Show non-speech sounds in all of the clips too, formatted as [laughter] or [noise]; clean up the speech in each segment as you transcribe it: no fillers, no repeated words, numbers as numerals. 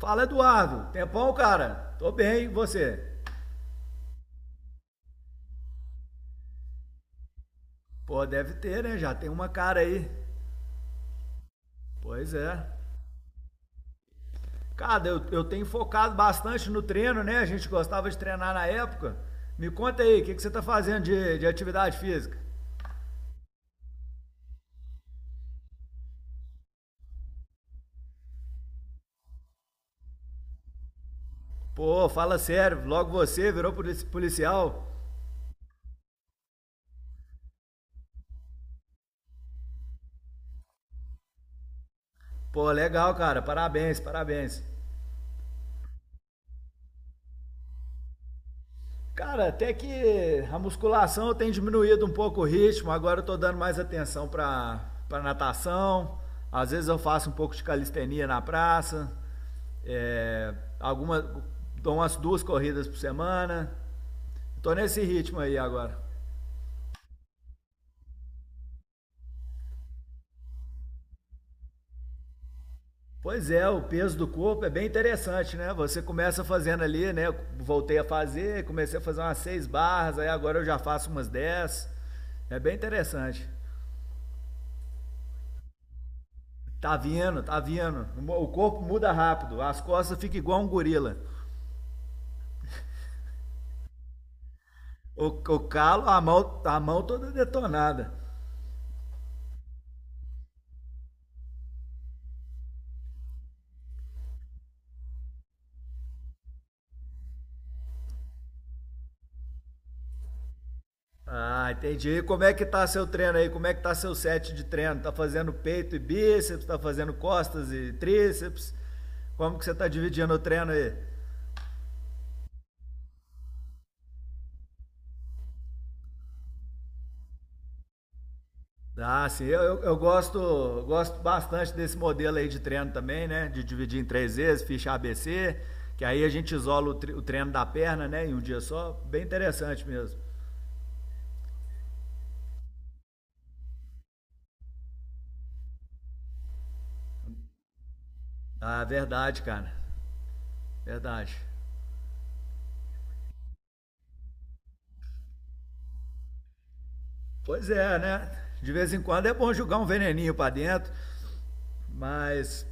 Fala, Eduardo. Tempão, cara? Tô bem, e você? Pô, deve ter, né? Já tem uma cara aí. Pois é. Cara, eu tenho focado bastante no treino, né? A gente gostava de treinar na época. Me conta aí, o que você tá fazendo de atividade física? Pô, fala sério, logo você virou policial. Pô, legal, cara. Parabéns, parabéns. Cara, até que a musculação eu tenho diminuído um pouco o ritmo, agora eu tô dando mais atenção pra natação. Às vezes eu faço um pouco de calistenia na praça. É, alguma, dou umas duas corridas por semana. Tô nesse ritmo aí agora. Pois é, o peso do corpo é bem interessante, né? Você começa fazendo ali, né? Eu voltei a fazer, comecei a fazer umas seis barras, aí agora eu já faço umas 10. É bem interessante. Tá vindo, tá vindo. O corpo muda rápido, as costas ficam igual um gorila. O calo, a mão toda detonada. Ah, entendi. E como é que tá seu treino aí? Como é que tá seu set de treino? Tá fazendo peito e bíceps? Tá fazendo costas e tríceps? Como que você tá dividindo o treino aí? Ah, sim, eu gosto bastante desse modelo aí de treino também, né? De dividir em três vezes, ficha ABC, que aí a gente isola o treino da perna, né? Em um dia só. Bem interessante mesmo. Ah, verdade, cara. Verdade. Pois é, né? De vez em quando é bom jogar um veneninho pra dentro, mas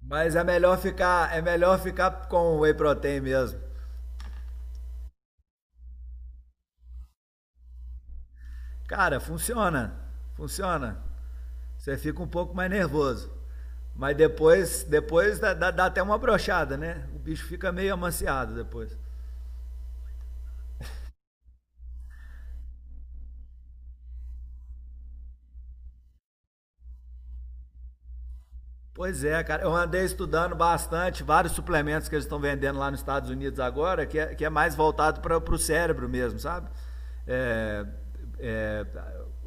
é melhor ficar com o whey protein mesmo. Cara, funciona. Funciona. Você fica um pouco mais nervoso. Mas depois dá até uma brochada, né? O bicho fica meio amaciado depois. Pois é, cara. Eu andei estudando bastante vários suplementos que eles estão vendendo lá nos Estados Unidos agora, que é mais voltado para o cérebro mesmo, sabe? É, é,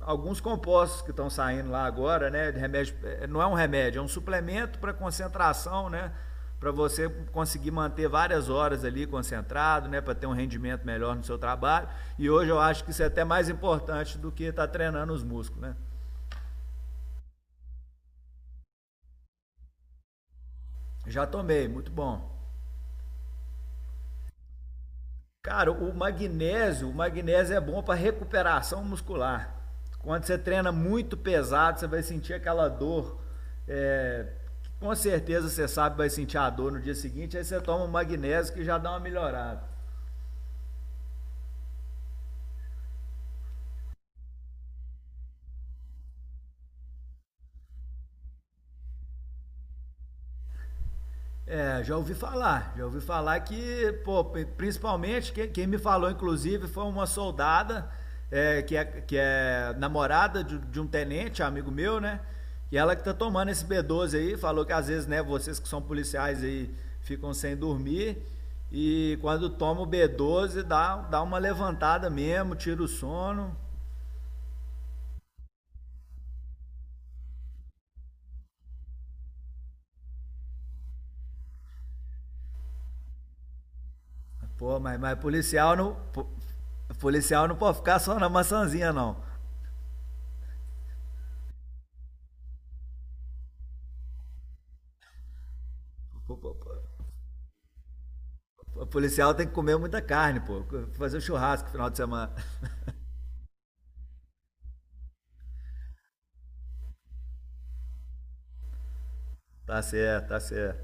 alguns compostos que estão saindo lá agora, né? De não é um remédio, é um suplemento para concentração, né? Para você conseguir manter várias horas ali concentrado, né? Para ter um rendimento melhor no seu trabalho. E hoje eu acho que isso é até mais importante do que estar tá treinando os músculos, né? Já tomei, muito bom. Cara, o magnésio é bom para recuperação muscular. Quando você treina muito pesado, você vai sentir aquela dor. É, com certeza você sabe vai sentir a dor no dia seguinte, aí você toma o magnésio que já dá uma melhorada. É, já ouvi falar que, pô, principalmente, quem me falou, inclusive, foi uma soldada que é namorada de um tenente, amigo meu, né? E ela que tá tomando esse B12 aí, falou que às vezes, né, vocês que são policiais aí ficam sem dormir e quando toma o B12 dá uma levantada mesmo, tira o sono. Pô, mas policial não. Policial não pode ficar só na maçãzinha, não. po- po- O policial tem que comer muita carne, pô. Fazer um churrasco no final de semana. [laughs] Tá certo, tá certo.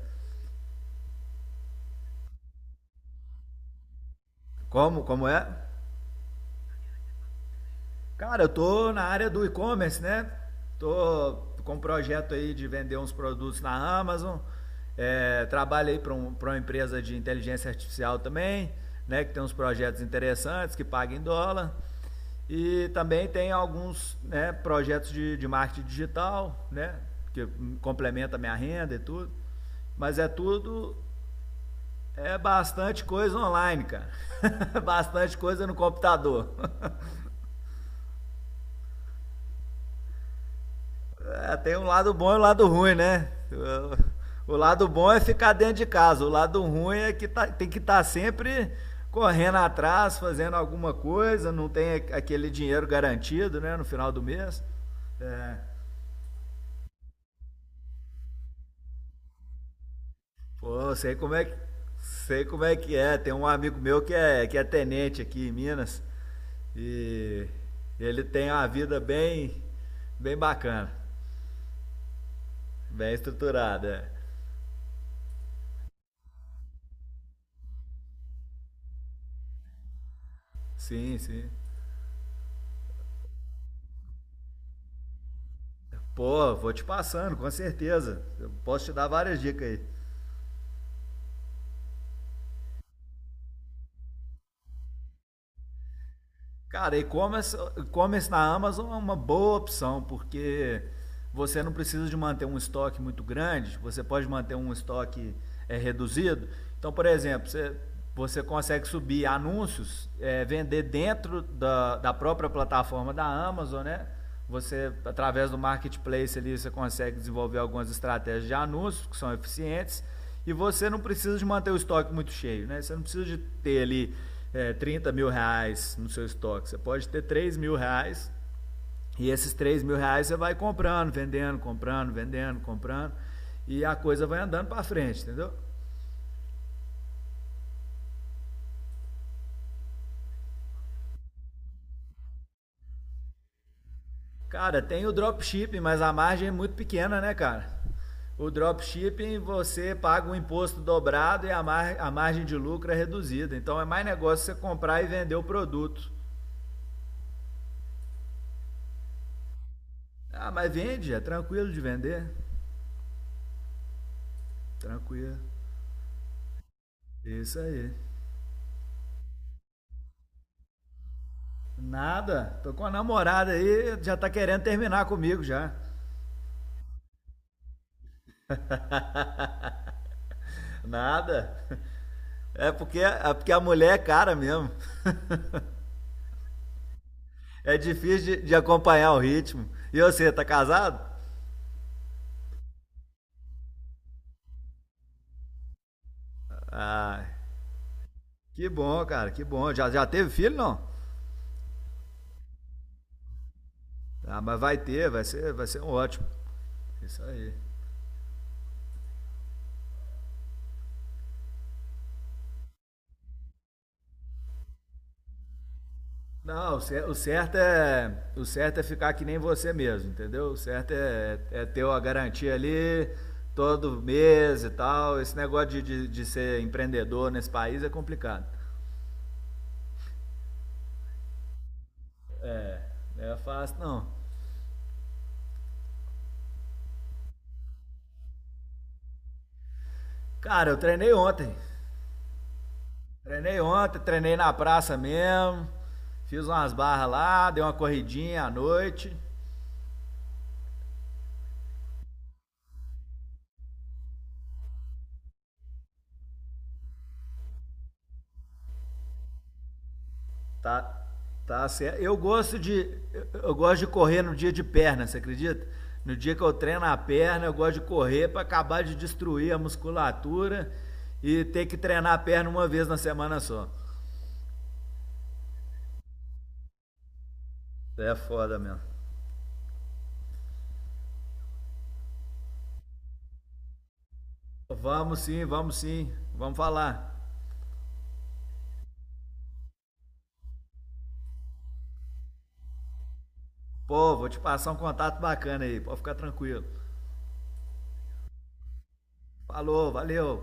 Como? Como é? Cara, eu tô na área do e-commerce, né? Tô com um projeto aí de vender uns produtos na Amazon. É, trabalho aí pra uma empresa de inteligência artificial também, né? Que tem uns projetos interessantes, que paga em dólar. E também tem alguns, né, projetos de marketing digital, né? Que complementa a minha renda e tudo. Mas é tudo É bastante coisa online, cara. [laughs] Bastante coisa no computador. [laughs] É, tem um lado bom e um lado ruim, né? O lado bom é ficar dentro de casa, o lado ruim é que tem que estar tá sempre correndo atrás, fazendo alguma coisa, não tem aquele dinheiro garantido, né, no final do mês. É. Pô, sei como é que é. Tem um amigo meu que é tenente aqui em Minas e ele tem uma vida bem bacana, bem estruturada. É. Sim, sim. Pô, vou te passando, com certeza. Eu posso te dar várias dicas aí. Cara, e-commerce na Amazon é uma boa opção, porque você não precisa de manter um estoque muito grande, você pode manter um estoque reduzido. Então, por exemplo, você consegue subir anúncios, vender dentro da própria plataforma da Amazon, né? Você, através do marketplace ali, você consegue desenvolver algumas estratégias de anúncios que são eficientes e você não precisa de manter o estoque muito cheio, né? Você não precisa de ter ali, 30 mil reais no seu estoque. Você pode ter 3.000 reais e esses 3.000 reais você vai comprando, vendendo, comprando, vendendo, comprando. E a coisa vai andando para frente, entendeu? Cara, tem o dropshipping, mas a margem é muito pequena, né, cara? O dropshipping você paga um imposto dobrado e a margem de lucro é reduzida. Então é mais negócio você comprar e vender o produto. Ah, mas vende, é tranquilo de vender. Tranquilo. Isso aí. Nada. Tô com a namorada aí, já tá querendo terminar comigo já. Nada. É porque a mulher é cara mesmo. É difícil de acompanhar o ritmo. E você, tá casado? Ah, que bom, cara, que bom. Já teve filho, não? Ah, mas vai ter, vai ser um ótimo. Isso aí. Não, o certo é ficar que nem você mesmo, entendeu? O certo é ter a garantia ali todo mês e tal. Esse negócio de ser empreendedor nesse país é complicado. Não é fácil, não. Cara, eu treinei ontem. Treinei ontem, treinei na praça mesmo. Fiz umas barras lá, dei uma corridinha à noite. Tá, tá certo. Eu gosto de correr no dia de perna, você acredita? No dia que eu treino a perna, eu gosto de correr para acabar de destruir a musculatura e ter que treinar a perna uma vez na semana só. É foda mesmo. Vamos sim, vamos sim. Vamos falar. Pô, vou te passar um contato bacana aí, pode ficar tranquilo. Falou, valeu.